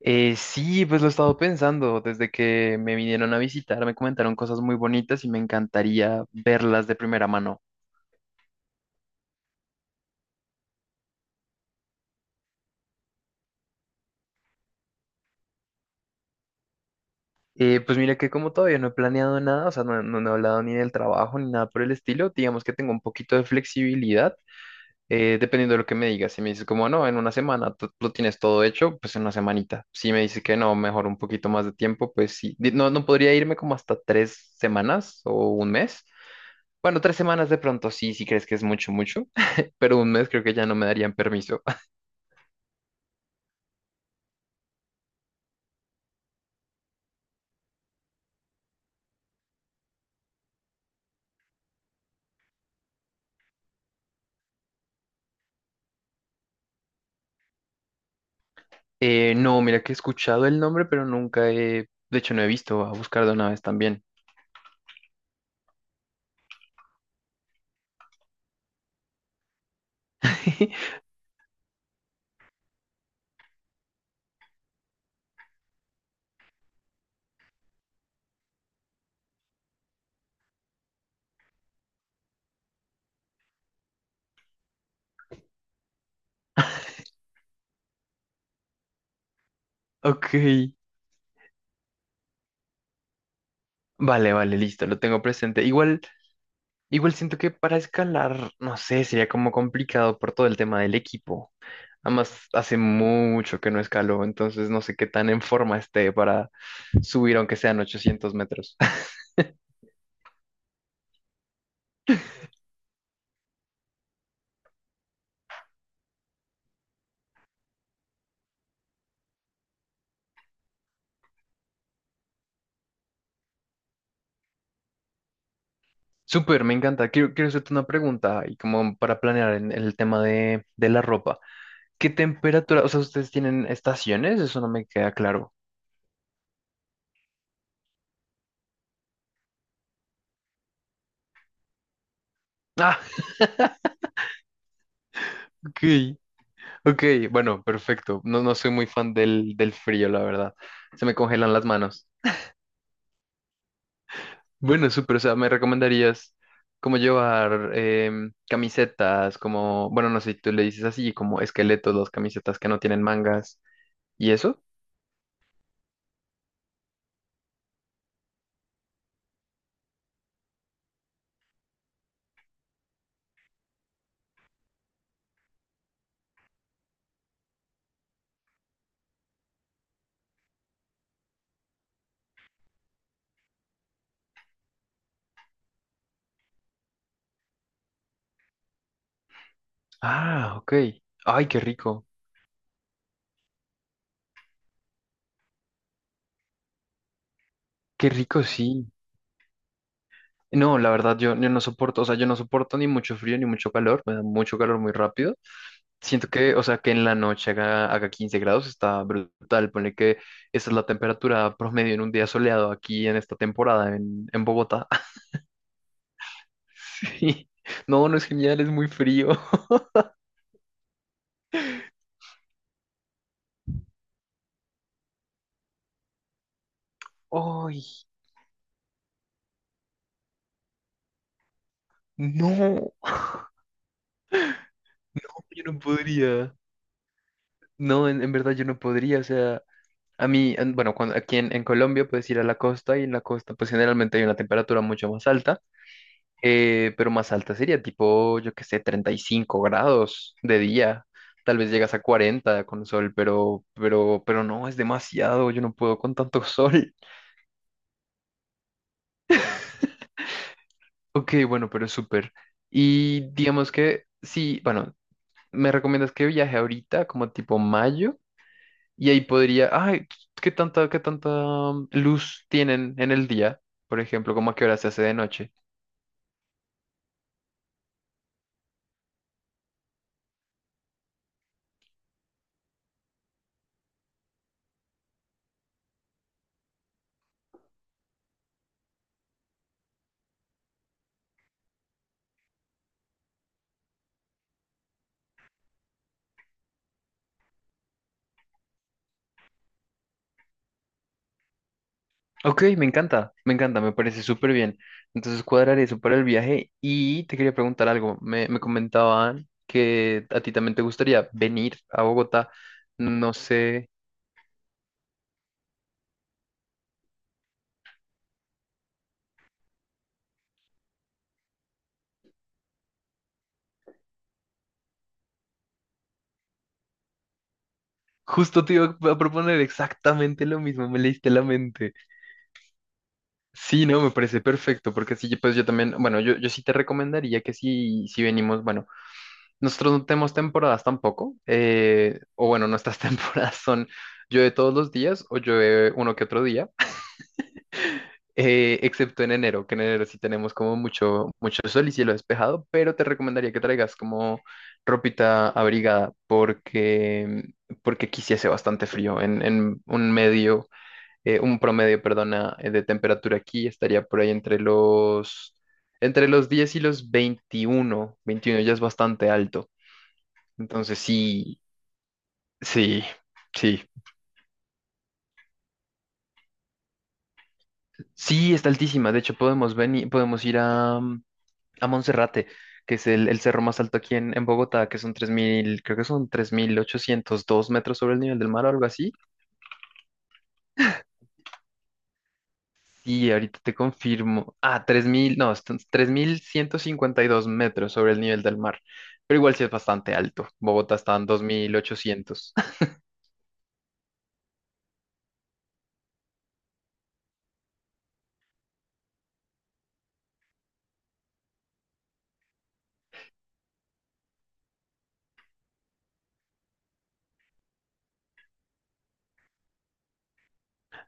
Sí, pues lo he estado pensando. Desde que me vinieron a visitar, me comentaron cosas muy bonitas y me encantaría verlas de primera mano. Pues mira que como todavía no he planeado nada, o sea, no, no he hablado ni del trabajo ni nada por el estilo, digamos que tengo un poquito de flexibilidad, dependiendo de lo que me digas. Si me dices como, no, en una semana tú lo tienes todo hecho, pues en una semanita. Si me dices que no, mejor un poquito más de tiempo, pues sí. No, no podría irme como hasta 3 semanas o un mes. Bueno, tres semanas de pronto sí, si crees que es mucho, mucho, pero un mes creo que ya no me darían permiso. No, mira que he escuchado el nombre, pero nunca he, de hecho no he visto, a buscar de una vez también. Ok, vale, vale, listo, lo tengo presente. Igual, siento que para escalar, no sé, sería como complicado por todo el tema del equipo. Además, hace mucho que no escaló, entonces no sé qué tan en forma esté para subir aunque sean 800 metros. Súper, me encanta. Quiero hacerte una pregunta y como para planear el tema de la ropa. ¿Qué temperatura? O sea, ¿ustedes tienen estaciones? Eso no me queda claro. Ah, ok. Ok, bueno, perfecto. No, no soy muy fan del frío, la verdad. Se me congelan las manos. Bueno, súper. O sea, ¿me recomendarías como llevar camisetas, como, bueno, no sé si tú le dices así, como esqueletos, las camisetas que no tienen mangas y eso? Ah, ok. Ay, qué rico. Qué rico, sí. No, la verdad, yo no soporto, o sea, yo no soporto ni mucho frío ni mucho calor, me da mucho calor muy rápido. Siento que, o sea, que en la noche haga 15 grados está brutal. Ponle que esa es la temperatura promedio en un día soleado aquí en, esta temporada en Bogotá. Sí. No, no es genial, es muy frío. ¡Ay! No, yo no podría. No, en verdad yo no podría, o sea, a mí, bueno, cuando, aquí en Colombia puedes ir a la costa y en la costa pues generalmente hay una temperatura mucho más alta. Pero más alta sería tipo, yo qué sé, 35 grados de día. Tal vez llegas a 40 con sol, pero no, es demasiado. Yo no puedo con tanto sol. Ok, bueno, pero es súper. Y digamos que sí, bueno, me recomiendas que viaje ahorita, como tipo mayo, y ahí podría, ay, ¿qué tanta luz tienen en el día? Por ejemplo, ¿cómo a qué hora se hace de noche? Ok, me encanta, me encanta, me parece súper bien. Entonces cuadraré eso para el viaje y te quería preguntar algo. Me comentaban que a ti también te gustaría venir a Bogotá. No sé, justo te iba a proponer exactamente lo mismo, me leíste la mente. Sí, no, me parece perfecto, porque sí, pues yo también, bueno, yo sí te recomendaría que si venimos, bueno, nosotros no tenemos temporadas tampoco, o bueno, nuestras temporadas son llueve todos los días o llueve uno que otro día. Excepto en enero, que en enero sí tenemos como mucho, mucho sol y cielo despejado, pero te recomendaría que traigas como ropita abrigada porque aquí sí hace bastante frío. En un medio, un promedio, perdona, de temperatura aquí estaría por ahí entre los 10 y los veintiuno, 21 ya es bastante alto. Entonces sí, sí, sí. Sí, está altísima. De hecho, podemos venir, podemos ir a, Monserrate, que es el cerro más alto aquí en Bogotá, que son 3.000 creo que son 3.802 metros sobre el nivel del mar o algo así. Y ahorita te confirmo, ah, 3.000 no, están 3.152 metros sobre el nivel del mar. Pero igual sí es bastante alto. Bogotá está en 2.800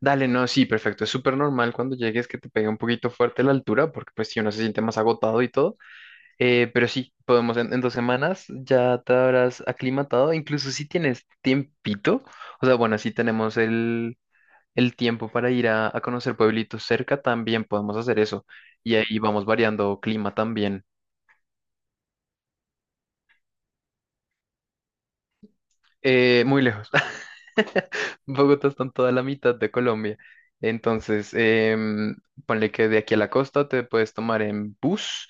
Dale, no, sí, perfecto. Es súper normal cuando llegues que te pegue un poquito fuerte la altura, porque pues si uno se siente más agotado y todo. Pero sí, podemos en 2 semanas ya te habrás aclimatado, incluso si tienes tiempito, o sea, bueno, si tenemos el tiempo para ir a conocer pueblitos cerca, también podemos hacer eso. Y ahí vamos variando clima también. Muy lejos. Bogotá está en toda la mitad de Colombia. Entonces, ponle que de aquí a la costa te puedes tomar en bus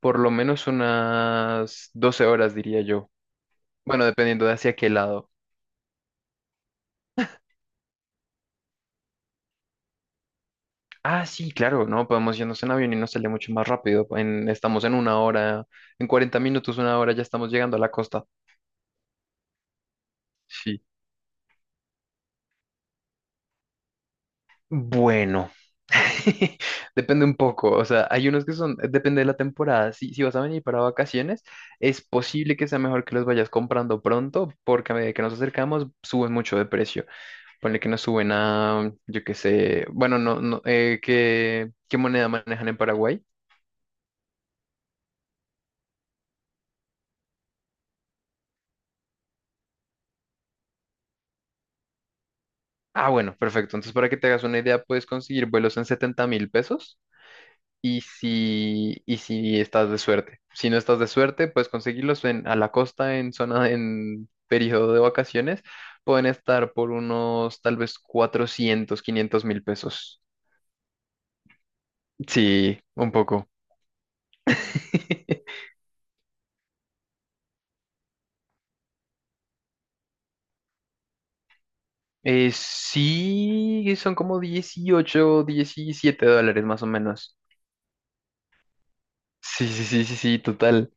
por lo menos unas 12 horas, diría yo. Bueno, dependiendo de hacia qué lado. Ah, sí, claro, no, podemos irnos en avión y nos sale mucho más rápido. Estamos en una hora, en 40 minutos, una hora, ya estamos llegando a la costa. Sí. Bueno, depende un poco, o sea, hay unos que son, depende de la temporada. Si vas a venir para vacaciones, es posible que sea mejor que los vayas comprando pronto, porque a medida que nos acercamos, suben mucho de precio. Ponle que nos suben a, yo qué sé, bueno, no, no, ¿qué moneda manejan en Paraguay? Ah, bueno, perfecto. Entonces, para que te hagas una idea, puedes conseguir vuelos en 70.000 pesos y si estás de suerte. Si no estás de suerte, puedes conseguirlos en, a la costa, en zona, en periodo de vacaciones. Pueden estar por unos tal vez 400 500 mil pesos. Sí, un poco. Sí, son como 18, 17 dólares más o menos. Sí, sí, sí, sí, sí, total.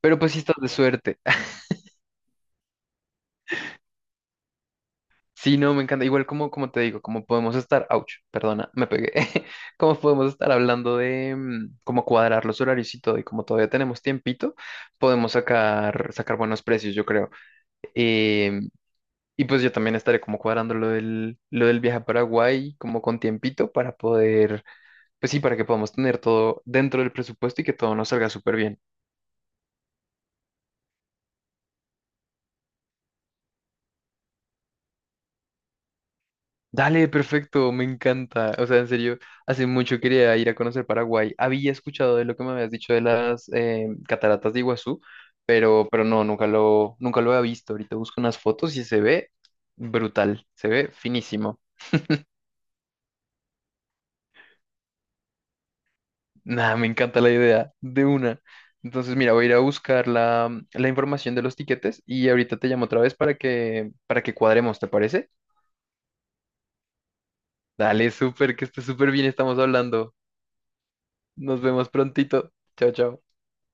Pero pues si estás de suerte. Sí, no, me encanta. Igual como te digo, como podemos estar, ouch, perdona, me pegué, como podemos estar hablando de cómo cuadrar los horarios y todo, y como todavía tenemos tiempito, podemos sacar buenos precios, yo creo. Eh, y pues yo también estaré como cuadrando lo del viaje a Paraguay, como con tiempito, para poder, pues sí, para que podamos tener todo dentro del presupuesto y que todo nos salga súper bien. Dale, perfecto, me encanta. O sea, en serio, hace mucho quería ir a conocer Paraguay. Había escuchado de lo que me habías dicho de las cataratas de Iguazú, pero no, nunca lo había visto. Ahorita busco unas fotos y se ve brutal, se ve finísimo. Nada, me encanta la idea de una. Entonces, mira, voy a ir a buscar la información de los tiquetes y ahorita te llamo otra vez para que cuadremos, ¿te parece? Dale, súper, que esté súper bien, estamos hablando. Nos vemos prontito. Chao, chao.